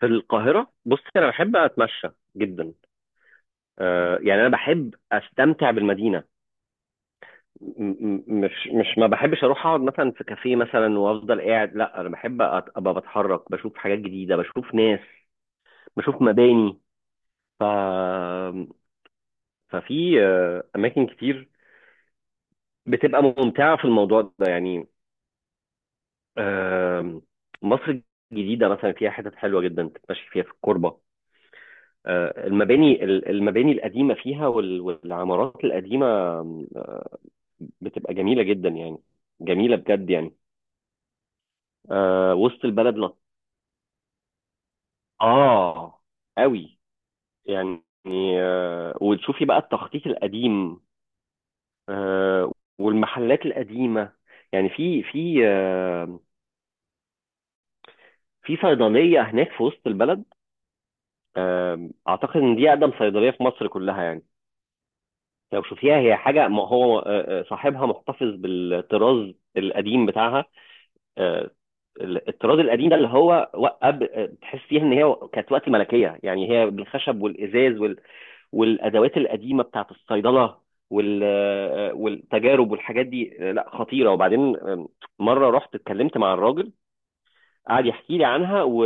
في القاهرة بص، أنا بحب أتمشى جدا. يعني أنا بحب أستمتع بالمدينة. م- مش ما بحبش أروح أقعد مثلا في كافيه مثلا وأفضل قاعد. لا، أنا بحب أبقى بتحرك، بشوف حاجات جديدة، بشوف ناس، بشوف مباني. ف ففي أماكن كتير بتبقى ممتعة في الموضوع ده يعني. آم، مصر الجديدة مثلا فيها حتت حلوة جدا تتمشي فيها في الكوربة. المباني القديمة فيها والعمارات القديمة بتبقى جميلة جدا يعني، جميلة بجد يعني. آه، وسط البلد نقعة قوي يعني. آه، وتشوفي بقى التخطيط القديم، آه، والمحلات القديمة. يعني في صيدلية هناك في وسط البلد. آه، أعتقد إن دي أقدم صيدلية في مصر كلها يعني. لو شوفيها هي حاجة، ما هو صاحبها محتفظ بالطراز القديم بتاعها. آه، الطراز القديم ده اللي هو تحس فيها ان هي كانت وقت ملكيه، يعني هي بالخشب والازاز والادوات القديمه بتاعت الصيدله، والتجارب والحاجات دي. لا، خطيره. وبعدين، مره رحت اتكلمت مع الراجل، قعد يحكي لي عنها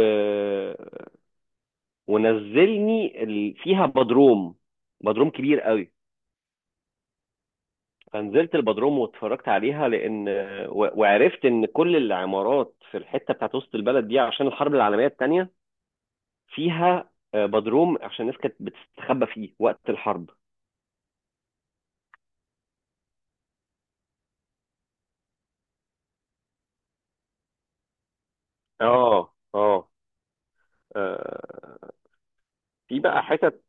ونزلني فيها بدروم، بدروم كبير قوي. فنزلت البدروم واتفرجت عليها، لان وعرفت ان كل العمارات في الحته بتاعت وسط البلد دي، عشان الحرب العالميه الثانيه، فيها بدروم عشان الناس كانت بتستخبى فيه وقت الحرب. اه، اه. آه، في بقى حتت.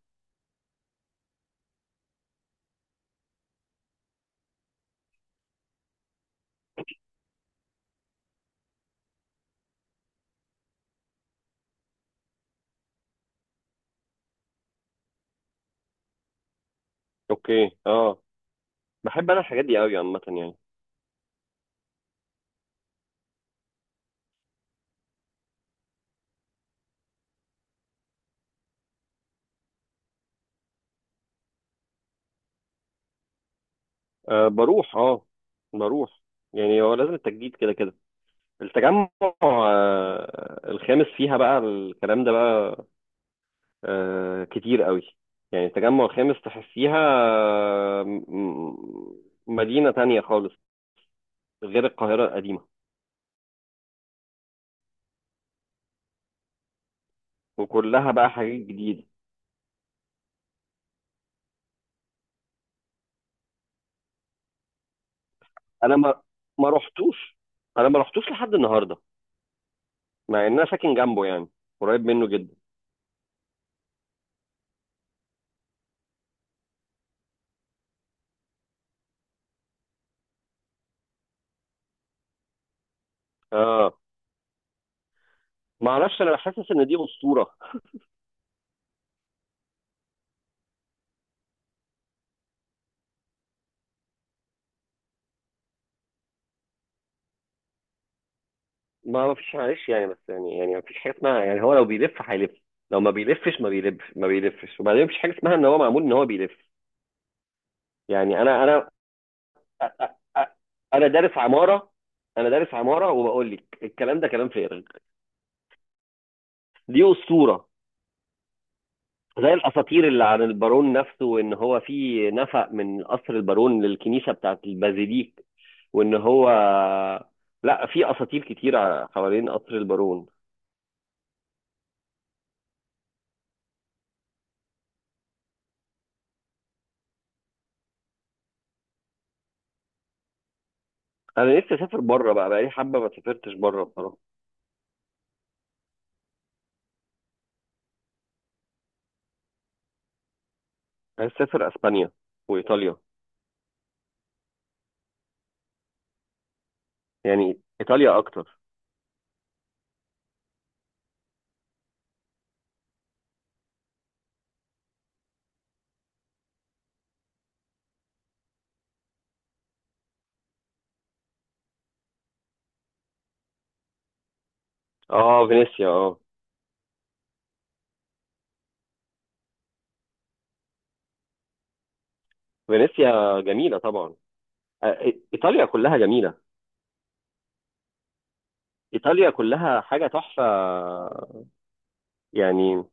اوكي، اه. بحب انا الحاجات دي قوي عامه يعني. آه، بروح. اه، بروح. يعني هو لازم التجديد كده كده. التجمع الخامس فيها بقى الكلام ده بقى، آه، كتير قوي. يعني التجمع الخامس تحسيها مدينة تانية خالص، غير القاهرة القديمة. وكلها بقى حاجات جديدة. انا ما رحتوش، انا ما رحتوش لحد النهارده، مع ان انا ساكن جنبه يعني، قريب منه جدا. اه، ما اعرفش، انا حاسس ان دي اسطوره. ما فيش، معلش يعني، بس يعني ما فيش حاجه اسمها يعني هو لو بيلف هيلف، لو ما بيلفش ما بيلف ما بيلفش. وبعدين ما فيش حاجه اسمها ان هو معمول ان هو بيلف. يعني انا أ- أ- أ- انا دارس عماره، انا دارس عماره وبقول لك الكلام ده كلام فارغ. دي اسطوره، زي الاساطير اللي عن البارون نفسه، وان هو في نفق من قصر البارون للكنيسه بتاعت البازيليك، وان هو... لا، في اساطير كتير حوالين قصر البارون. انا نفسي اسافر بره بقى، بقالي حبه ما سافرتش بره بصراحه. عايز اسافر اسبانيا وايطاليا. يعني ايطاليا اكتر. اه، فينيسيا، اه. فينيسيا جميله طبعا. ايطاليا كلها جميله. ايطاليا كلها حاجه تحفه يعني.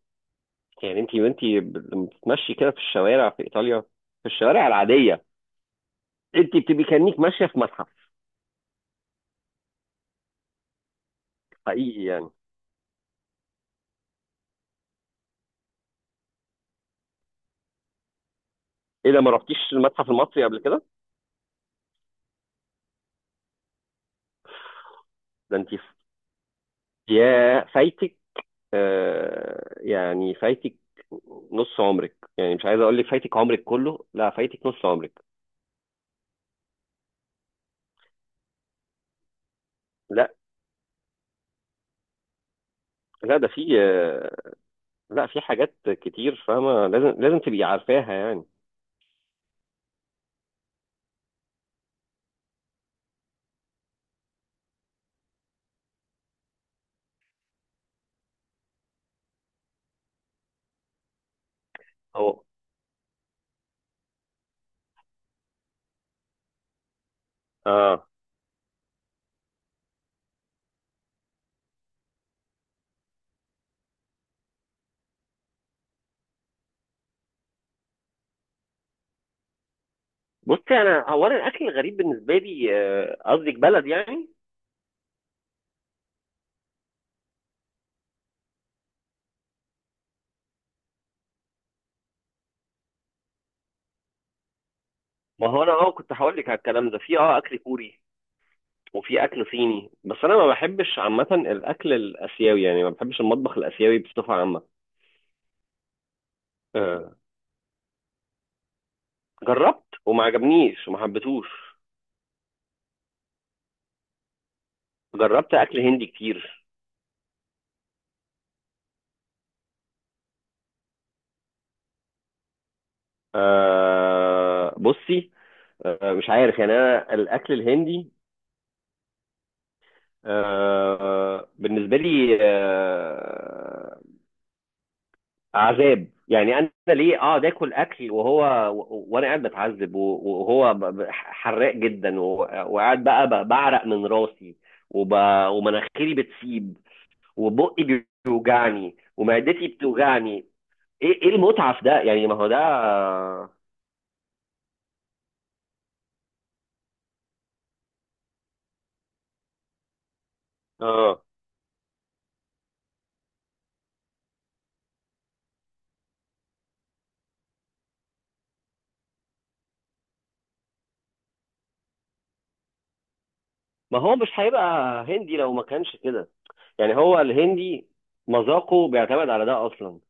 يعني انت وانتي لما بتتمشي كده في الشوارع في ايطاليا، في الشوارع العاديه، انت بتبقي كانك ماشيه في متحف حقيقي يعني. ايه ده، ما رحتيش المتحف المصري قبل كده؟ ده انت يا فايتك، يعني فايتك نص عمرك. يعني مش عايز اقول لك فايتك عمرك كله، لا، فايتك نص عمرك. لا، لا، ده في لا، في حاجات كتير، فاهمه؟ لازم لازم تبقي عارفاها يعني. هو... اه بصي، انا الاكل الغريب بالنسبه لي، قصدك بلد يعني؟ ما هو انا، كنت هقول لك على الكلام ده، في اكل كوري وفي اكل صيني، بس انا ما بحبش عامه الاكل الاسيوي يعني، ما بحبش المطبخ الاسيوي بصفه عامه. جربت وما عجبنيش وما حبيتهوش. جربت اكل هندي كتير. أه، بصي، أه، مش عارف يعني. انا الاكل الهندي أه، بالنسبه لي أه، عذاب يعني. انا ليه اقعد اكل اكل، وهو... وانا قاعد بتعذب، وهو حراق جدا، وقاعد بقى بعرق من راسي وب... ومناخيري بتسيب، وبقي بيوجعني ومعدتي بتوجعني. ايه، ايه المتعه في ده يعني؟ ما هو ده... اه، ما هو مش هيبقى هندي لو ما كانش كده. يعني هو الهندي مذاقه بيعتمد على ده اصلا.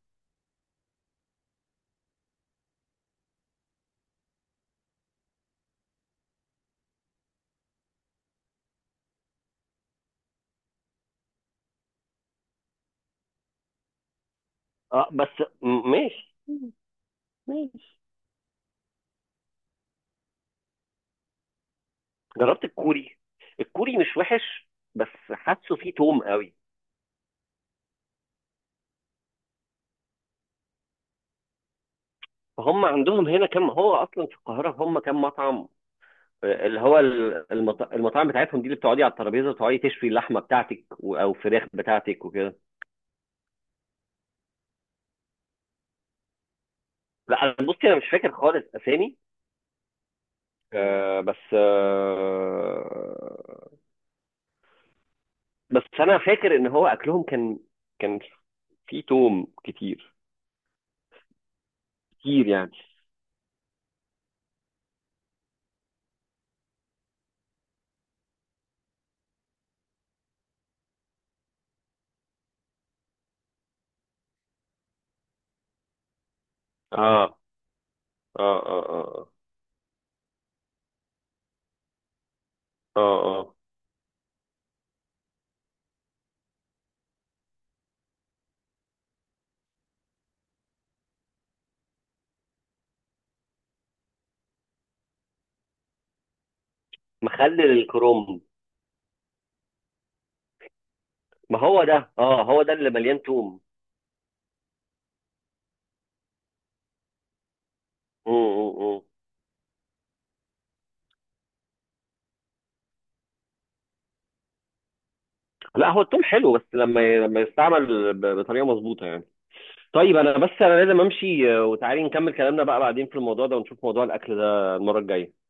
اه، بس ماشي، ماشي. جربت الكوري، الكوري مش وحش، بس حاسه فيه توم قوي. فهم عندهم هنا، كم هو اصلا في القاهره هم كم مطعم؟ آه، اللي هو المطاعم بتاعتهم دي، اللي بتقعدي على الترابيزه وتقعدي تشوي اللحمه بتاعتك او الفراخ بتاعتك وكده. لا أنا- بصي، انا مش فاكر خالص اسامي. آه، بس آه، بس انا فاكر ان هو اكلهم كان كان فيه توم كتير، كتير يعني. اه، اه، اه، اه، اه، اه. مخلل الكروم. ما هو ده، اه، هو ده اللي مليان توم. مم، مم، مم. لا، هو التوم حلو بس لما يستعمل بطريقه مظبوطه يعني. طيب، انا بس لازم امشي، آه، وتعالي نكمل كلامنا بقى بعدين في الموضوع ده، ونشوف موضوع الاكل ده المره الجايه.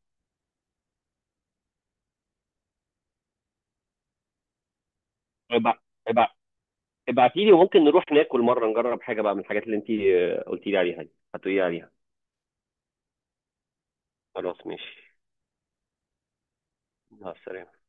طيب، ابعتي لي وممكن نروح ناكل مرة، نجرب حاجة بقى من الحاجات اللي انت قلتي لي عليها دي هتقولي لي عليها. خلاص، ماشي. مع السلامة.